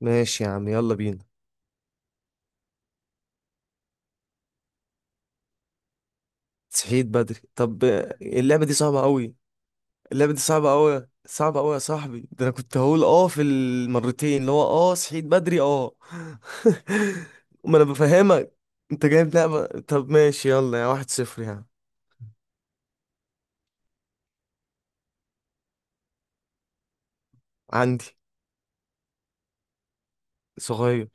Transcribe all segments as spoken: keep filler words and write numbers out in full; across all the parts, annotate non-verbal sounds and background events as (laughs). ماشي يا عم يلا بينا. صحيت بدري طب آه، اللعبة دي صعبة قوي. اللعبة دي صعبة قوي، صعبة قوي يا صاحبي، ده انا كنت هقول اه في المرتين اللي هو اه صحيت بدري اه (laughs) ما انا بفهمك. انت جايب لعبة؟ طب ماشي، يلا يا واحد صفر يعني. عندي. صغير.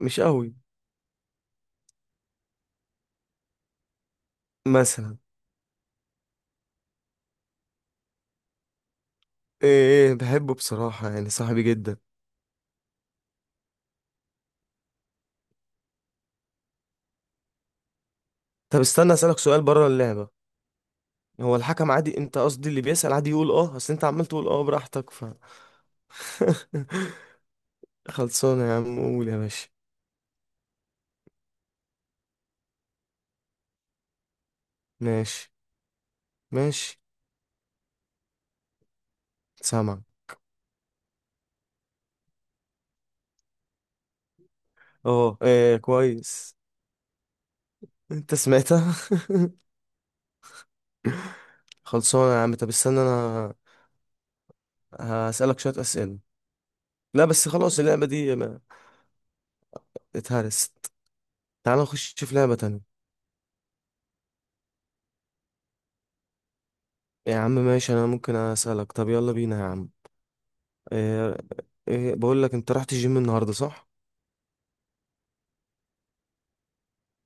مش قوي. مثلا. ايه إيه، بحبه بصراحة، يعني صاحبي جدا. طب استنى اسألك سؤال بره اللعبة، هو الحكم عادي؟ انت قصدي اللي بيسأل عادي يقول اه؟ اصل انت عمال تقول اه براحتك ف (laughs) خلصانة يا عم، قول يا باشا. ماشي. ماشي. سامع. اه. ايه كويس؟ انت سمعتها. (laughs) خلصانة يا عم، طب استنى انا هسألك شوية أسئلة. لا بس خلاص اللعبة دي ما- اتهرست. تعال نخش في لعبة تانية. يا عم ماشي، انا ممكن أسألك، طب يلا بينا يا عم. إيه إيه، بقول لك انت رحت الجيم النهاردة صح؟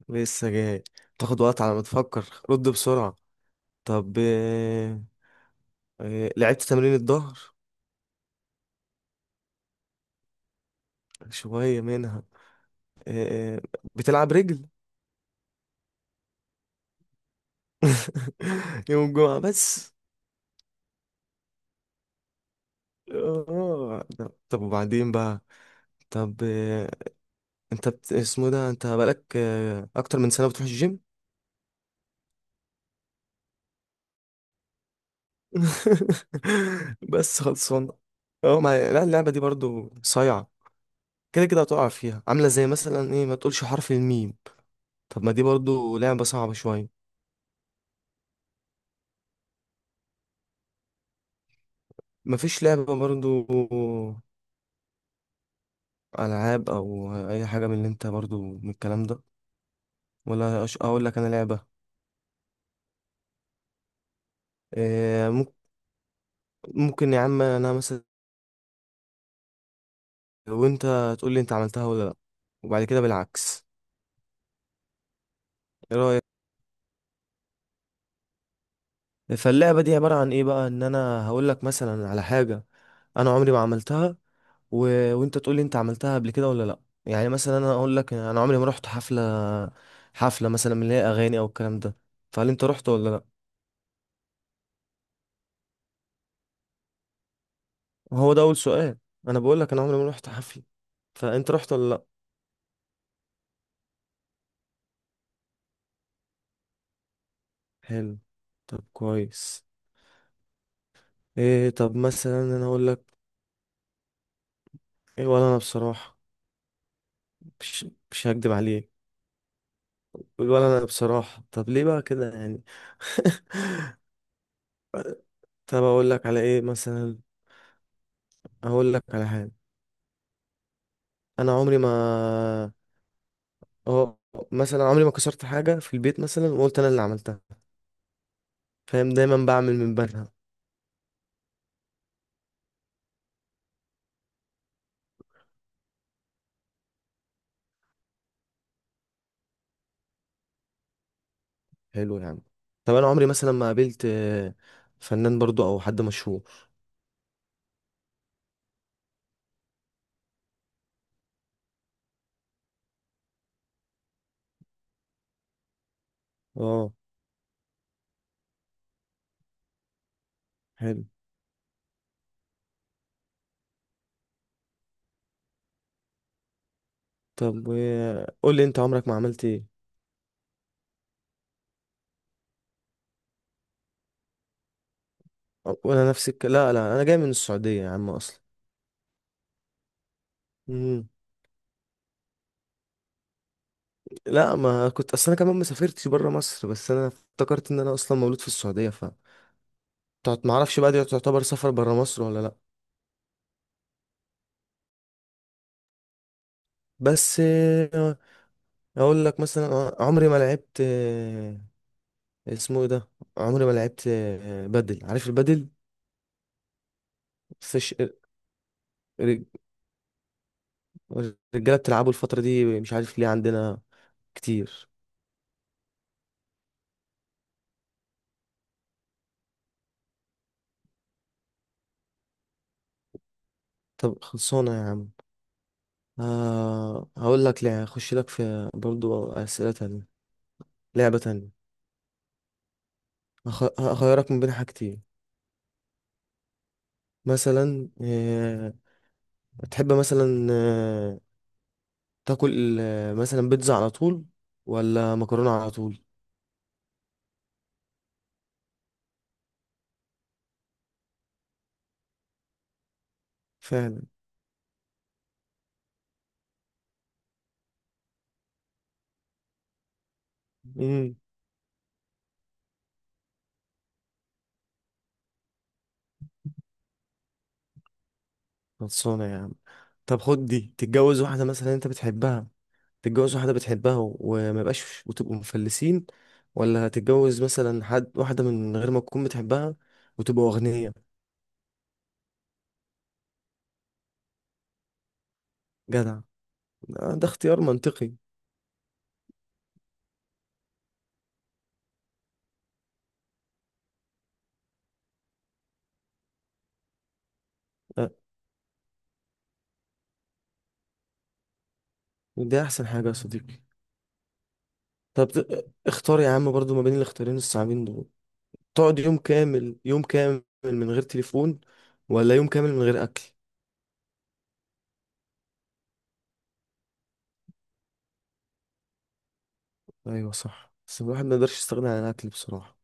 لسه جاي؟ تاخد وقت على ما تفكر، رد بسرعة. طب إيه، إيه لعبت تمرين الظهر؟ شوية منها. إيه إيه، بتلعب رجل؟ (laughs) يوم الجمعة بس؟ آه. طب وبعدين بقى، طب آه، انت بت... اسمه ده، انت بقالك آه، اكتر من سنة بتروح الجيم؟ (laughs) بس خلصان. اه ما لا، اللعبة دي برضو صايعة، كده كده هتقع فيها عاملة زي مثلا ايه، ما تقولش حرف الميم. طب ما دي برضو لعبة صعبة شوية. مفيش لعبة برضو ألعاب أو أي حاجة من اللي أنت برضو من الكلام ده؟ ولا أش- أقول لك أنا لعبة؟ آه، ممكن، ممكن يا عم أنا مثلا، وانت تقول لي انت عملتها ولا لا، وبعد كده بالعكس. ايه رايك؟ فاللعبه دي عباره عن ايه بقى، ان انا هقول لك مثلا على حاجه انا عمري ما عملتها، و... وانت تقول لي انت عملتها قبل كده ولا لا. يعني مثلا انا اقول لك انا عمري ما رحت حفله، حفله مثلا من اللي هي اغاني او الكلام ده، فهل انت رحت ولا لا؟ هو ده اول سؤال، انا بقول لك انا عمري ما رحت حفله، فانت رحت ولا لا؟ حلو. طب كويس. ايه طب مثلا انا اقول لك، ايه ولا انا بصراحه، مش مش هكدب عليك. ولا انا بصراحة، طب ليه بقى كده يعني؟ (laughs) طب اقول لك على ايه مثلا، اقول لك على حاجة، انا عمري ما، اه، مثلا عمري ما كسرت حاجة في البيت مثلا وقلت انا اللي عملتها. فاهم؟ دايما بعمل من بنها. حلو يا عم. طب انا عمري مثلا ما قابلت آه، فنان برضو او حد مشهور. اه. حلو. طب و- قول لي انت عمرك ما عملت ايه؟ ولا نفسك؟ لا لا انا جاي من السعودية يا عم اصلا. لا ما كنت، اصل انا كمان ما سافرتش بره مصر، بس انا افتكرت ان انا اصلا مولود في السعوديه، ف تعت- ما اعرفش بقى، دي تعتبر سفر بره مصر ولا لا؟ بس آه، اقول لك مثلا عمري ما لعبت آه، اسمه ايه ده، عمري ما لعبت آه، بدل، عارف البدل؟ فش. رج- الرجاله بتلعبه الفتره دي، مش عارف ليه، عندنا كتير. طب خلصانه يا عم. آه، هقول لك، لا اخش لك في برضو اسئله تانية، لعبه تانية. هخ- هخيرك من بين حاجتين. مثلا آه، تحب مثلا آه، تاكل آه، مثلا بيتزا على طول ولا مكرونة على طول؟ فعلا. امم. خلصانة يا عم. طب خد دي، تتجوز واحدة مثلا انت بتحبها، تتجوز واحدة بتحبها و- وما يبقاش، وتبقوا مفلسين، ولا تتجوز مثلا حد، واحدة من غير ما تكون بتحبها وتبقوا أغنياء؟ جدع. ده ده اختيار منطقي. آه، ده أحسن حاجة يا صديقي. طب ت- اختار يا عم برضو ما بين الاختيارين الصعبين دول. تقعد يوم كامل، يوم كامل من غير تليفون، ولا يوم كامل من غير اكل؟ ايوه صح، بس الواحد ما يقدرش يستغنى عن الاكل بصراحه.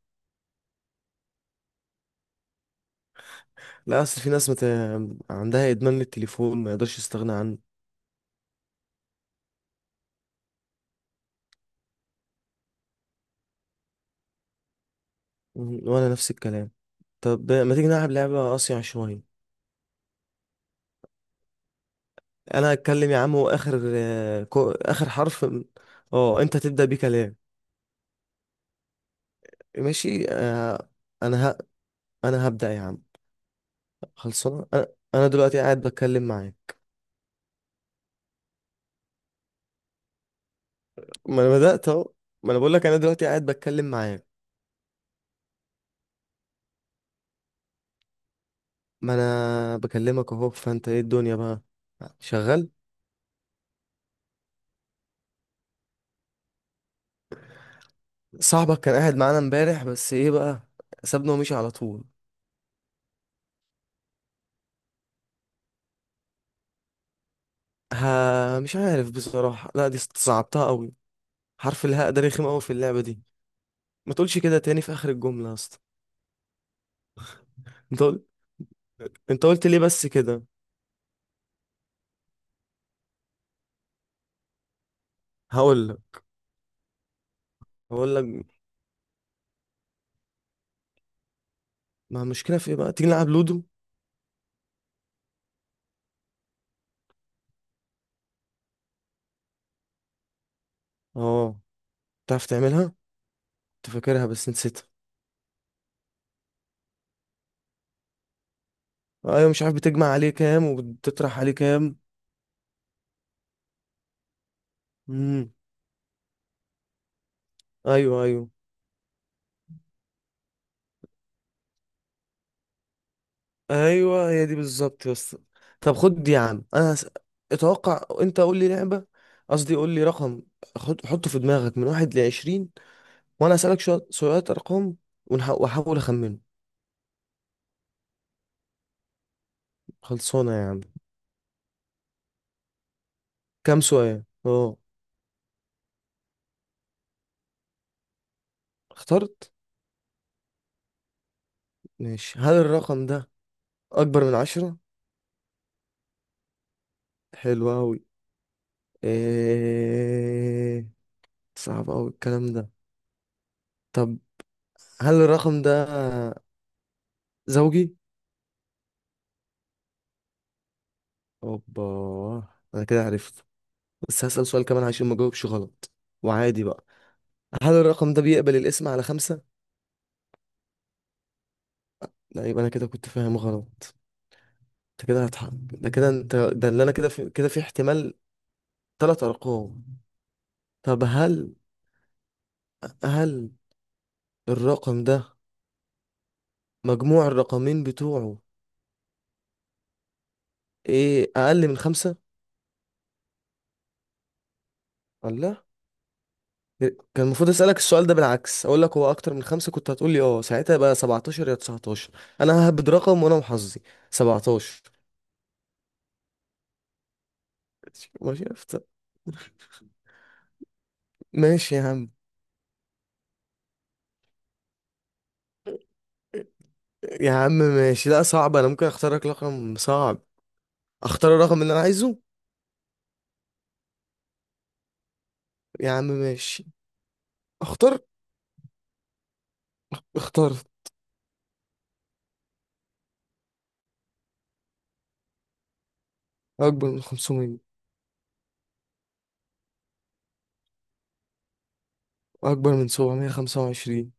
لا اصل في ناس مت... عندها ادمان للتليفون، ما يقدرش يستغنى عنه. مم، وانا نفس الكلام. طب ما تيجي نلعب لعبه اصيع شويه. انا اتكلم يا عم، واخر آه، كو... اخر حرف م- اه، انت تبدا بيه كلام. ماشي آه، انا ه... انا هبدا يا عم. خلصنا. انا أنا دلوقتي قاعد بتكلم معاك. ما انا بدات اهو، ما انا بقول لك انا دلوقتي قاعد بتكلم معاك. ما انا بكلمك اهو، فانت ايه الدنيا بقى، شغال؟ صاحبك كان قاعد معانا امبارح، بس ايه بقى، سابنا ومشي على طول. ها، مش عارف بصراحة، لا دي صعبتها قوي. حرف الهاء ده رخم قوي في اللعبة دي. ما تقولش كده تاني في اخر الجملة يا اسطى. انت قلت، انت قلت ليه بس كده؟ هقول لك، هقول لك ما المشكلة، في ايه بقى، تيجي نلعب لودو؟ اه. تعرف تعملها؟ كنت فاكرها بس نسيتها. ايوه مش عارف، بتجمع عليه كام وبتطرح عليه كام؟ امم. ايوه ايوه ايوه، هي دي بالظبط يا اسطى. طب خد دي يا عم، انا هس... اتوقع، انت قول لي لعبه، قصدي قول لي رقم. خد... حطه في دماغك من واحد لعشرين، وانا اسالك شويه سؤال ارقام، ونح... واحاول اخمنه. خلصانه يا عم. كام سؤال؟ اه، اخترت. ماشي، هل الرقم ده اكبر من عشرة؟ حلو اوي. ايه... صعب اوي الكلام ده. طب هل الرقم ده زوجي؟ اوبا، انا كده عرفت، بس هسأل سؤال كمان عشان ما اجاوبش غلط. وعادي بقى، هل الرقم ده بيقبل الاسم على خمسة؟ لا، يبقى انا كده كنت فاهم غلط. انت كده هتحق، ده كده انت ده اللي انا كده في... كده في احتمال ثلاث ارقام. طب هل، هل الرقم ده مجموع الرقمين بتوعه ايه، اقل من خمسة؟ الله، كان المفروض اسألك السؤال ده بالعكس، اقول لك هو اكتر من خمسة كنت هتقول لي اه، ساعتها يبقى سبعتاشر يا تسعتاشر. انا ههبد رقم وانا وحظي، سبعة عشر. ما شفت. ماشي يا عم. يا عم ماشي، لا صعب، انا ممكن اختار لك رقم صعب. اختار الرقم اللي انا عايزه. يا عم ماشي. اختار، اختار. اكبر من خمسمية. اكبر من سبعمية وخمسة وعشرين.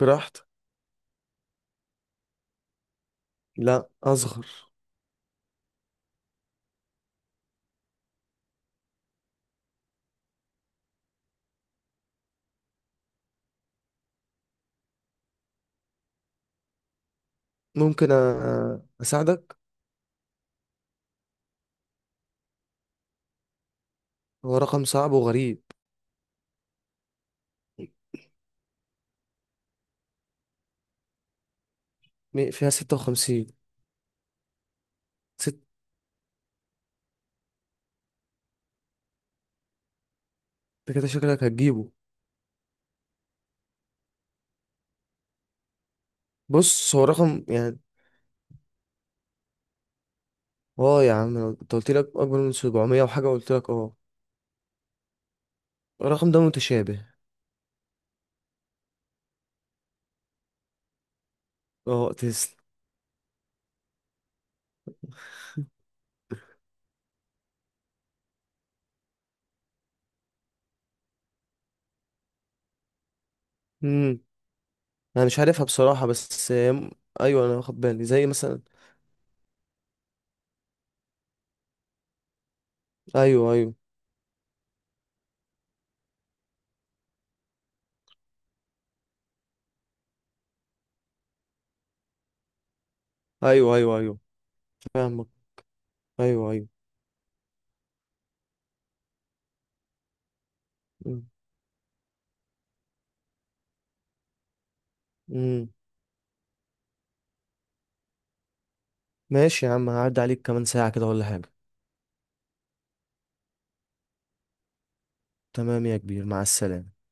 براحتك. لا اصغر. ممكن أ- اساعدك؟ هو رقم صعب وغريب. مي- فيها ستة وخمسين. ست. أنت كده شكلك هتجيبه. بص هو رقم يعني، اه يا عم لو انت قلت لك اكبر من سبعمية وحاجه قلت لك اه. الرقم ده متشابه. اه تسلم. انا مش عارفها بصراحة بس آم، ايوه انا واخد بالي زي مثلا. ايوه ايوه ايوه، ايوه ايوه، فاهمك. ايوه ايوه. امم. ماشي يا عم، هعدي عليك كمان ساعة كده ولا حاجة. تمام يا كبير، مع السلامة.